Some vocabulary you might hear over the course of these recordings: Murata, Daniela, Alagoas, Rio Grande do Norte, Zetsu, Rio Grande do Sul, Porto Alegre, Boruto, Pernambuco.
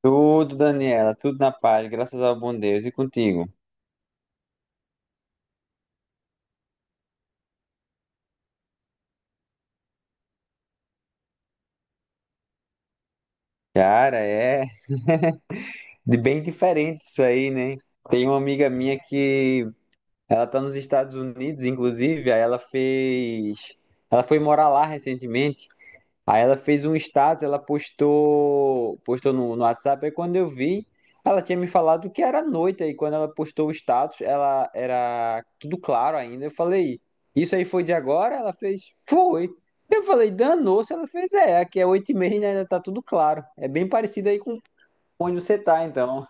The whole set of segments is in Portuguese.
Tudo, Daniela, tudo na paz, graças ao bom Deus e contigo. Cara, é de bem diferente isso aí, né? Tem uma amiga minha que ela tá nos Estados Unidos, inclusive, aí ela foi morar lá recentemente. Aí ela fez um status, ela postou no WhatsApp, aí quando eu vi, ela tinha me falado que era noite, aí quando ela postou o status, ela era tudo claro ainda. Eu falei, isso aí foi de agora? Ela fez, foi. Eu falei, danou-se, ela fez, é, aqui é 8h30, né, ainda tá tudo claro. É bem parecido aí com onde você tá, então.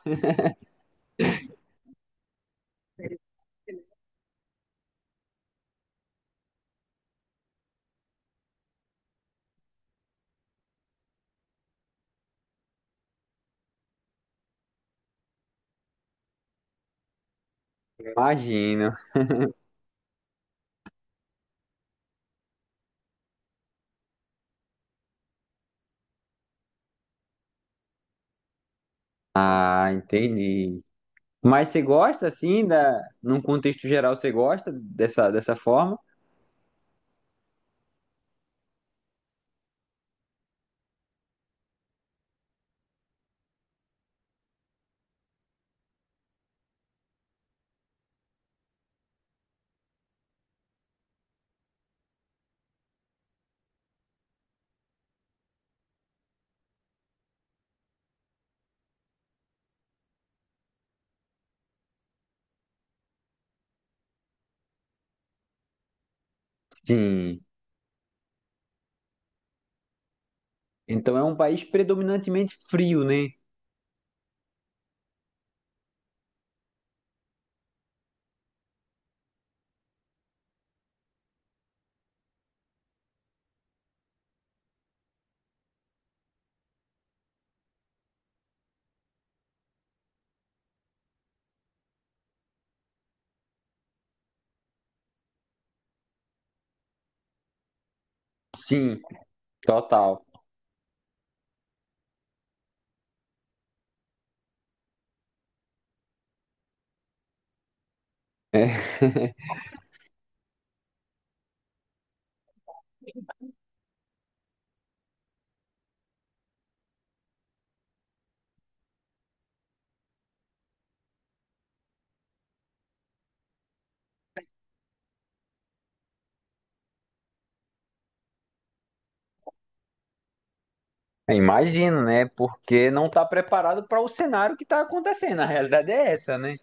Imagino. Ah, entendi. Mas você gosta, assim, num contexto geral, você gosta dessa forma? Sim. Então é um país predominantemente frio, né? Sim, total. É, imagino, né? Porque não está preparado para o cenário que está acontecendo. A realidade é essa, né?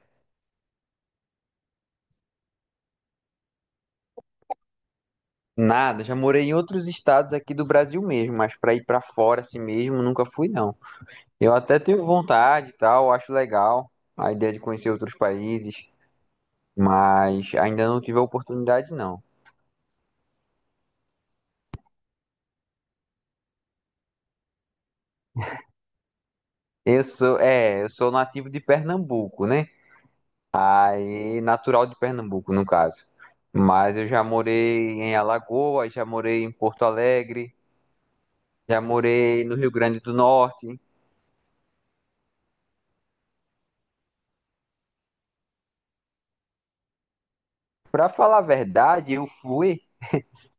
Nada, já morei em outros estados aqui do Brasil mesmo, mas para ir para fora assim mesmo nunca fui, não. Eu até tenho vontade e tal, acho legal a ideia de conhecer outros países, mas ainda não tive a oportunidade, não. Eu sou nativo de Pernambuco, né? Aí, natural de Pernambuco, no caso. Mas eu já morei em Alagoas, já morei em Porto Alegre, já morei no Rio Grande do Norte. Pra falar a verdade, eu fui,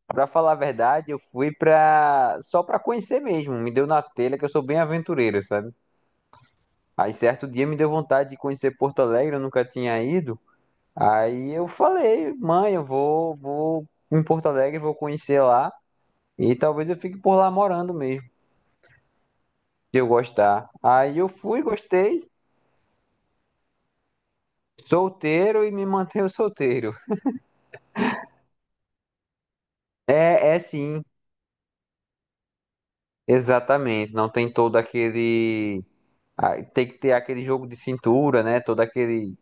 para falar a verdade, eu fui pra só pra conhecer mesmo. Me deu na telha que eu sou bem aventureiro, sabe? Aí certo dia me deu vontade de conhecer Porto Alegre, eu nunca tinha ido. Aí eu falei, mãe, eu vou em Porto Alegre, vou conhecer lá e talvez eu fique por lá morando mesmo. De eu gostar. Aí eu fui, gostei, solteiro e me mantenho solteiro. É sim, exatamente. Não tem todo aquele. Ah, tem que ter aquele jogo de cintura, né? Todo aquele.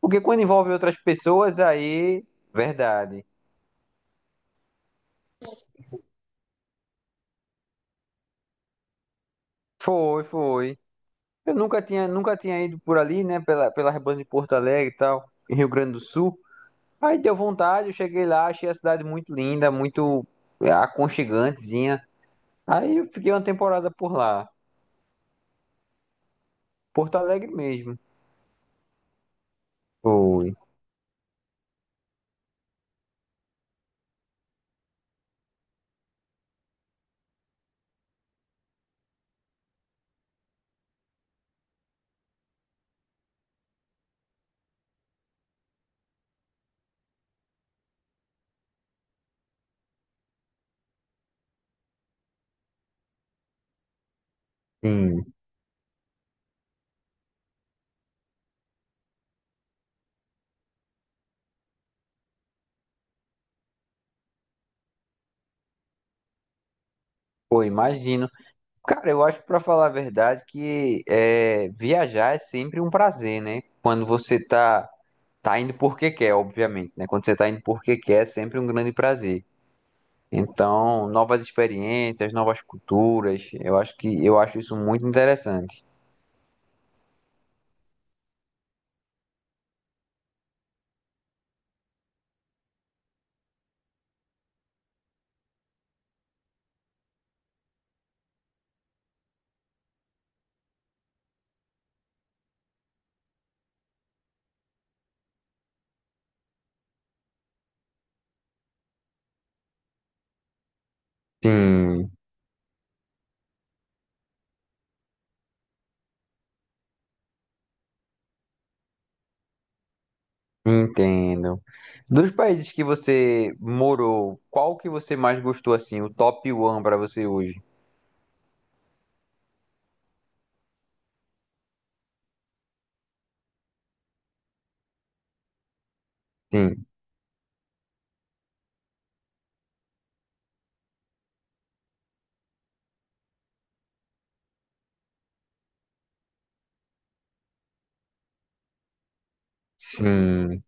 Porque quando envolve outras pessoas, aí. Verdade. Foi, foi. Eu nunca tinha ido por ali, né? Pela banda de Porto Alegre e tal, em Rio Grande do Sul. Aí deu vontade, eu cheguei lá, achei a cidade muito linda, muito, aconchegantezinha. Aí eu fiquei uma temporada por lá. Porto Alegre mesmo. Foi, sim, foi, imagino. Cara, eu acho, pra falar a verdade, que é, viajar é sempre um prazer, né? Quando você tá indo porque quer, obviamente, né? Quando você tá indo porque quer, é sempre um grande prazer. Então, novas experiências, novas culturas, eu acho que eu acho isso muito interessante. Sim, entendo. Dos países que você morou, qual que você mais gostou assim, o top one pra você hoje? Sim, sim.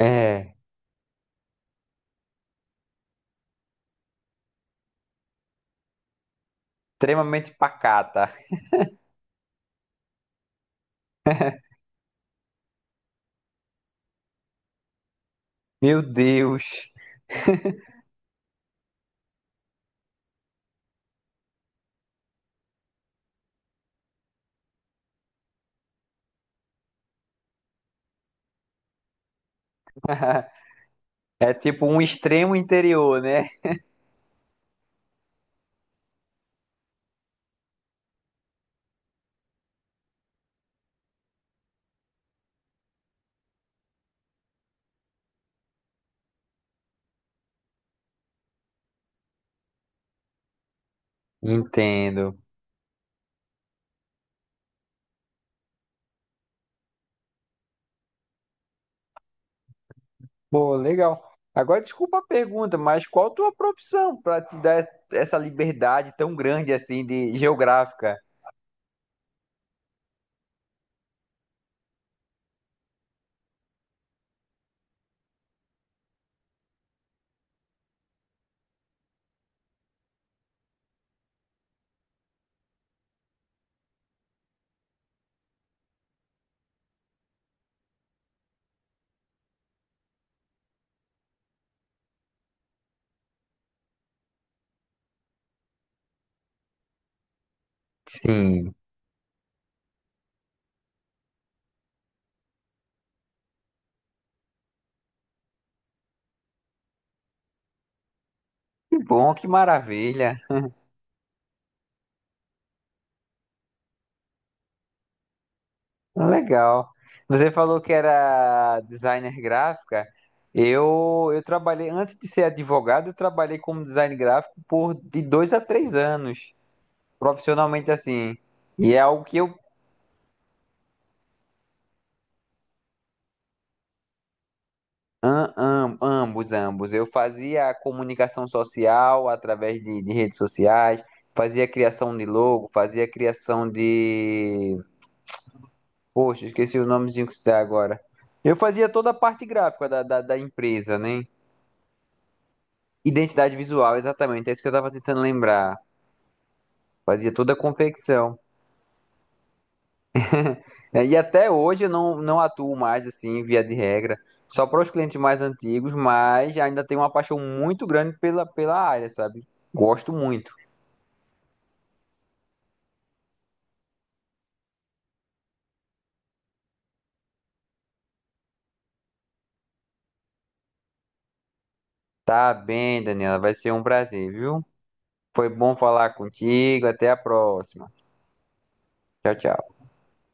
É, extremamente pacata. Meu Deus. É tipo um extremo interior, né? Entendo. Pô, legal. Agora, desculpa a pergunta, mas qual a tua profissão para te dar essa liberdade tão grande assim de geográfica? Sim. Que bom, que maravilha. Legal. Você falou que era designer gráfica. Eu trabalhei, antes de ser advogado, eu trabalhei como design gráfico por de 2 a 3 anos. Profissionalmente assim. E é algo que eu ambos. Eu fazia a comunicação social através de redes sociais, fazia a criação de logo, fazia a criação de. Poxa, esqueci o nomezinho que se dá agora. Eu fazia toda a parte gráfica da empresa, né? Identidade visual, exatamente. É isso que eu estava tentando lembrar. Fazia toda a confecção. É, e até hoje eu não atuo mais assim, via de regra, só para os clientes mais antigos, mas ainda tenho uma paixão muito grande pela área, sabe? Gosto muito. Tá bem, Daniela, vai ser um prazer, viu? Foi bom falar contigo, até a próxima. Tchau, tchau.